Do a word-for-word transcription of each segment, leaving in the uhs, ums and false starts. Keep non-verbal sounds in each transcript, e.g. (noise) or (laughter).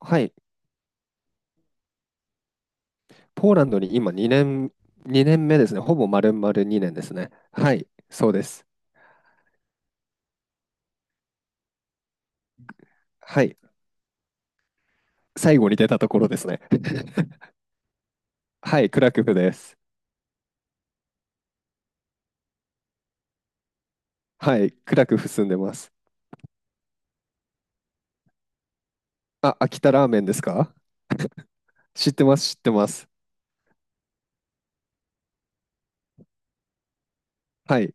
はい。ポーランドに今にねん、にねんめですね。ほぼ丸々2年ですね。はい。そうです。はい。最後に出たところですね。(laughs) はい。クラクフです。はい。クラクフ住んでます。あ、秋田ラーメンですか？知ってます、知ってます。はい。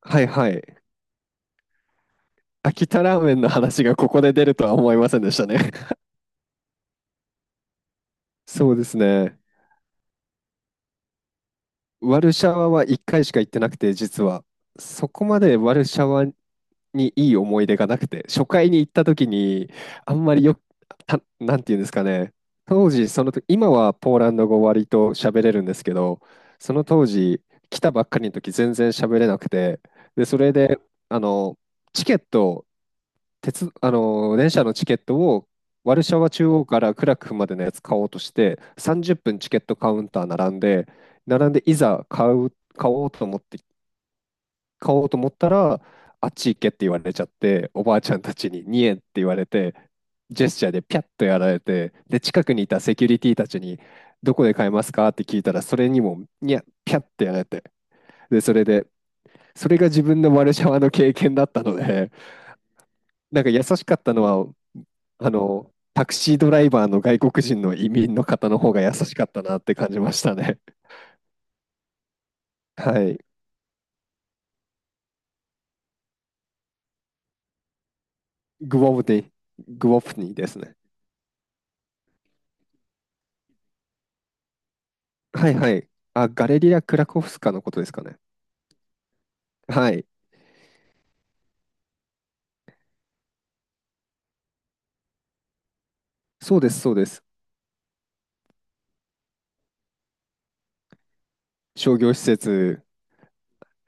はい、はい。秋田ラーメンの話がここで出るとは思いませんでしたね。(laughs) そうですね。ワルシャワはいっかいしか行ってなくて、実は。そこまでワルシャワにいい思い出がなくて、初回に行った時に、あんまりよた、なんていうんですかね、当時、その時、今はポーランド語割と喋れるんですけど、その当時、来たばっかりの時全然喋れなくて、で、それで、あの、チケット、鉄、あの、電車のチケットを、ワルシャワ中央からクラクフまでのやつ買おうとして、さんじゅっぷんチケットカウンター並んで、並んでいざ買う、買おうと思って買おうと思ったら、あっち行けって言われちゃって、おばあちゃんたちににえんって言われて、ジェスチャーでピャッとやられて、で、近くにいたセキュリティたちに、どこで買えますかって聞いたら、それにも、にゃ、ピャッてやられて、で、それで、それが自分のワルシャワの経験だったので、なんか優しかったのは、あの、タクシードライバーの外国人の移民の方の方が優しかったなって感じましたね。はい。グウォブデグウォフニーですね。はいはい。あ、ガレリア・クラコフスカのことですかね。はい。そうです、そうです。商業施設。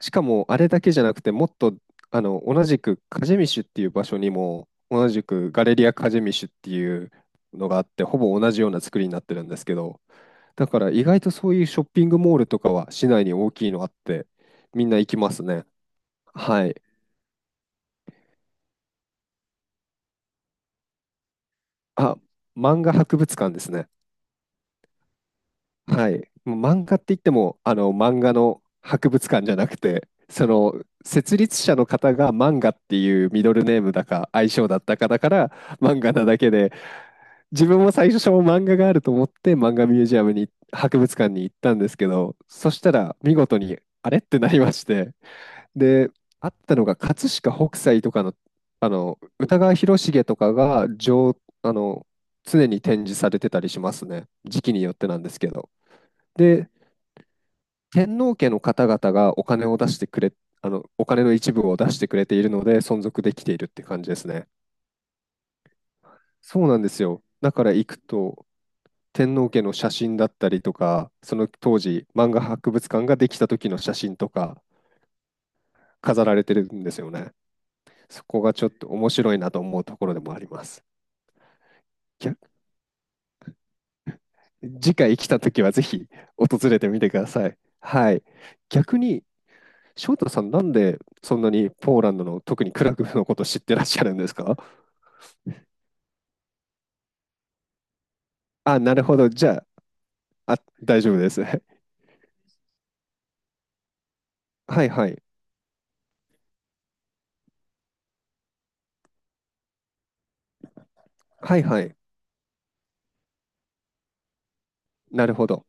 しかも、あれだけじゃなくて、もっと、あの、同じく、カジェミシュっていう場所にも、同じくガレリア・カジェミシュっていうのがあって、ほぼ同じような作りになってるんですけど、だから意外とそういうショッピングモールとかは市内に大きいのあって、みんな行きますね。はい。あ、漫画博物館ですね。はい。もう漫画って言っても、あの、漫画の博物館じゃなくて、その、設立者の方が漫画っていうミドルネームだか、愛称だったかだから、漫画なだけで、自分も最初漫画があると思って、漫画ミュージアムに、博物館に行ったんですけど、そしたら、見事に、あれってなりまして、で、あったのが、葛飾北斎とかの、あの、歌川広重とかが、上、あの、常に展示されてたりしますね。時期によってなんですけど。で、天皇家の方々がお金を出してくれ、あの、お金の一部を出してくれているので存続できているって感じですね。そうなんですよ。だから行くと、天皇家の写真だったりとか、その当時、漫画博物館ができた時の写真とか飾られてるんですよね。そこがちょっと面白いなと思うところでもあります。逆次回来た時はぜひ訪れてみてください。はい。逆に、翔太さん、なんでそんなにポーランドの特にクラクフのこと知ってらっしゃるんですか？あ、なるほど。じゃあ、あ、大丈夫です。(laughs) はいはい。はいはい。なるほど。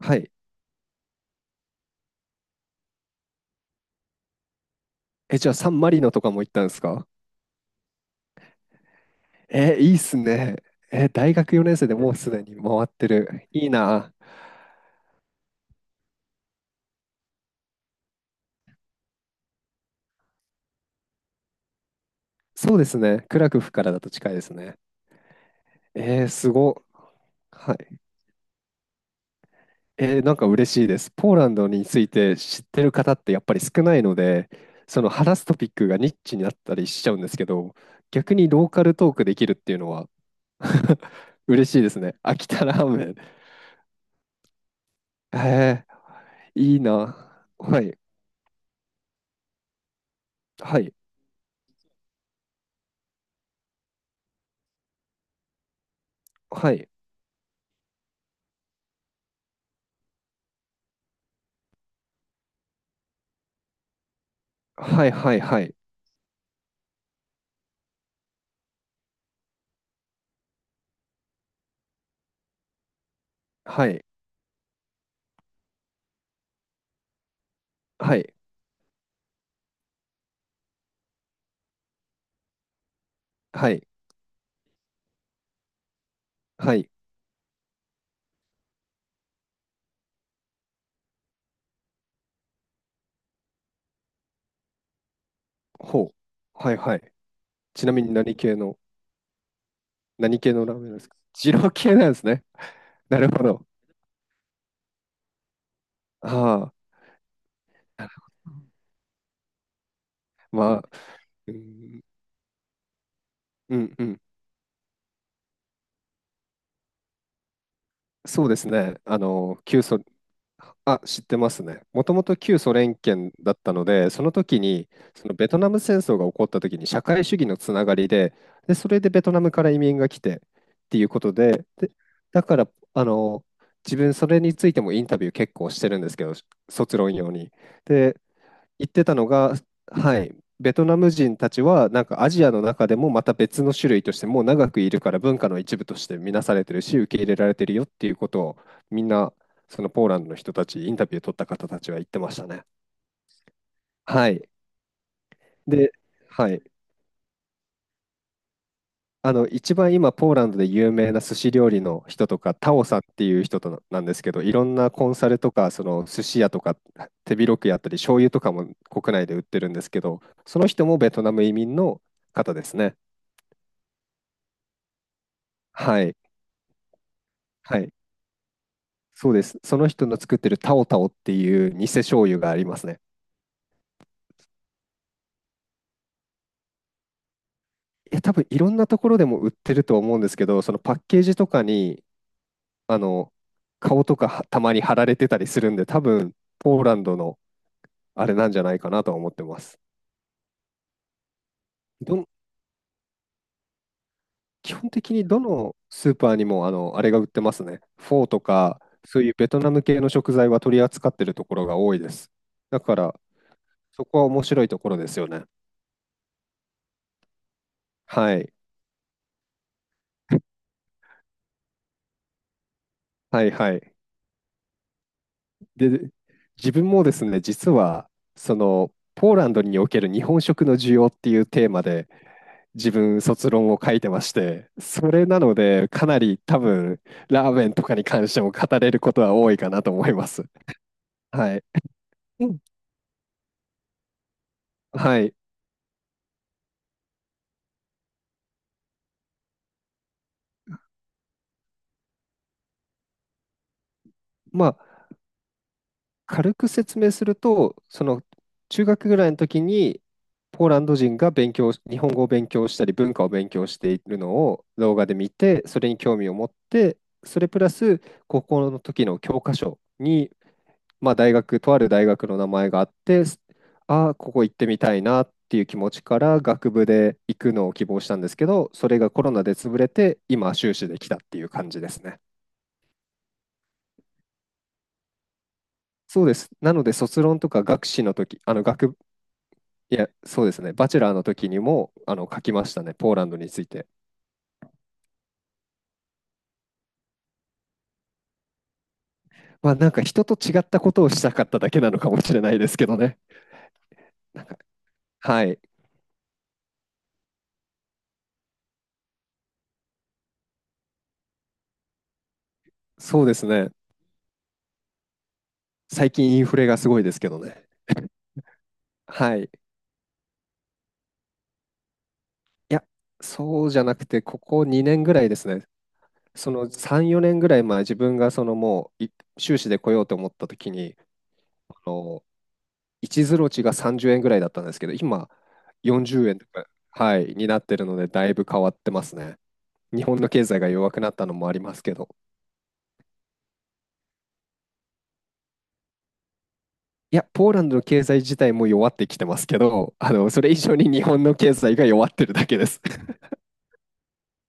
はい。え、じゃあ、サンマリノとかも行ったんですか？え、いいっすね。え、大学よねん生でもうすでに回ってる。いいな。そうですね。クラクフからだと近いですね。えー、すご。はい。えーなんか嬉しいです。ポーランドについて知ってる方ってやっぱり少ないので、その話すトピックがニッチになったりしちゃうんですけど、逆にローカルトークできるっていうのは (laughs) 嬉しいですね。秋田ラーメン。えー、いいな。はい。はい。はい。はい。はい。はい。はい。はい。はい。はい。ほう。はい。はい。ちなみに何系の、何系のラーメンですか？二郎系なんですね。なるほど。ああ。まあ、うん、うん、うん。そうですね。あの、旧あ、知ってますね。もともと旧ソ連圏だったので、その時に、そのベトナム戦争が起こった時に社会主義のつながりで、で、それでベトナムから移民が来てっていうことで、で、だから、あの、自分それについてもインタビュー結構してるんですけど、卒論用に。で、言ってたのが、はい、ベトナム人たちはなんかアジアの中でもまた別の種類としてもう長くいるから文化の一部として見なされてるし受け入れられてるよっていうことを、みんなそのポーランドの人たちインタビュー取った方たちは言ってましたね。はい。で、はい。あの一番今ポーランドで有名な寿司料理の人とかタオさんっていう人となんですけど、いろんなコンサルとかその寿司屋とか手広くやったり醤油とかも国内で売ってるんですけど、その人もベトナム移民の方ですね。はい。はい。そうです。その人の作ってるタオタオっていう偽醤油がありますね。いや、多分いろんなところでも売ってると思うんですけど、そのパッケージとかに、あの、顔とかはたまに貼られてたりするんで、多分ポーランドのあれなんじゃないかなとは思ってます。どん、基本的にどのスーパーにも、あの、あれが売ってますね。フォーとか、そういうベトナム系の食材は取り扱ってるところが多いです。だから、そこは面白いところですよね。はい。はいはい。で、自分もですね、実は、その、ポーランドにおける日本食の需要っていうテーマで、自分卒論を書いてまして、それなので、かなり多分、ラーメンとかに関しても語れることは多いかなと思います。はい。うんはい。まあ、軽く説明すると、その中学ぐらいの時に、ポーランド人が勉強日本語を勉強したり、文化を勉強しているのを動画で見て、それに興味を持って、それプラス、高校の時の教科書に、まあ、大学、とある大学の名前があって、ああ、ここ行ってみたいなっていう気持ちから、学部で行くのを希望したんですけど、それがコロナで潰れて、今、修士できたっていう感じですね。そうです。なので、卒論とか学士の時、あの学いや、そうですね。バチェラーの時にも、あの、書きましたね。ポーランドについて。まあ、なんか人と違ったことをしたかっただけなのかもしれないですけどね。はい。そうですね。最近インフレがすごいですけどね。はい。いや、そうじゃなくて、ここにねんぐらいですね。そのさん、よねんぐらい前、自分がそのもう、い修士で来ようと思った時に、あの、いちゼロ値がさんじゅうえんぐらいだったんですけど、今、よんじゅうえんとか、はい、になってるので、だいぶ変わってますね。日本の経済が弱くなったのもありますけど、いや、ポーランドの経済自体も弱ってきてますけど、あの、それ以上に日本の経済が弱ってるだけです。(laughs)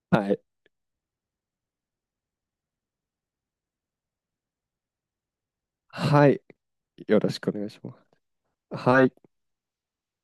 はい。はい。よろしくお願いします。はい。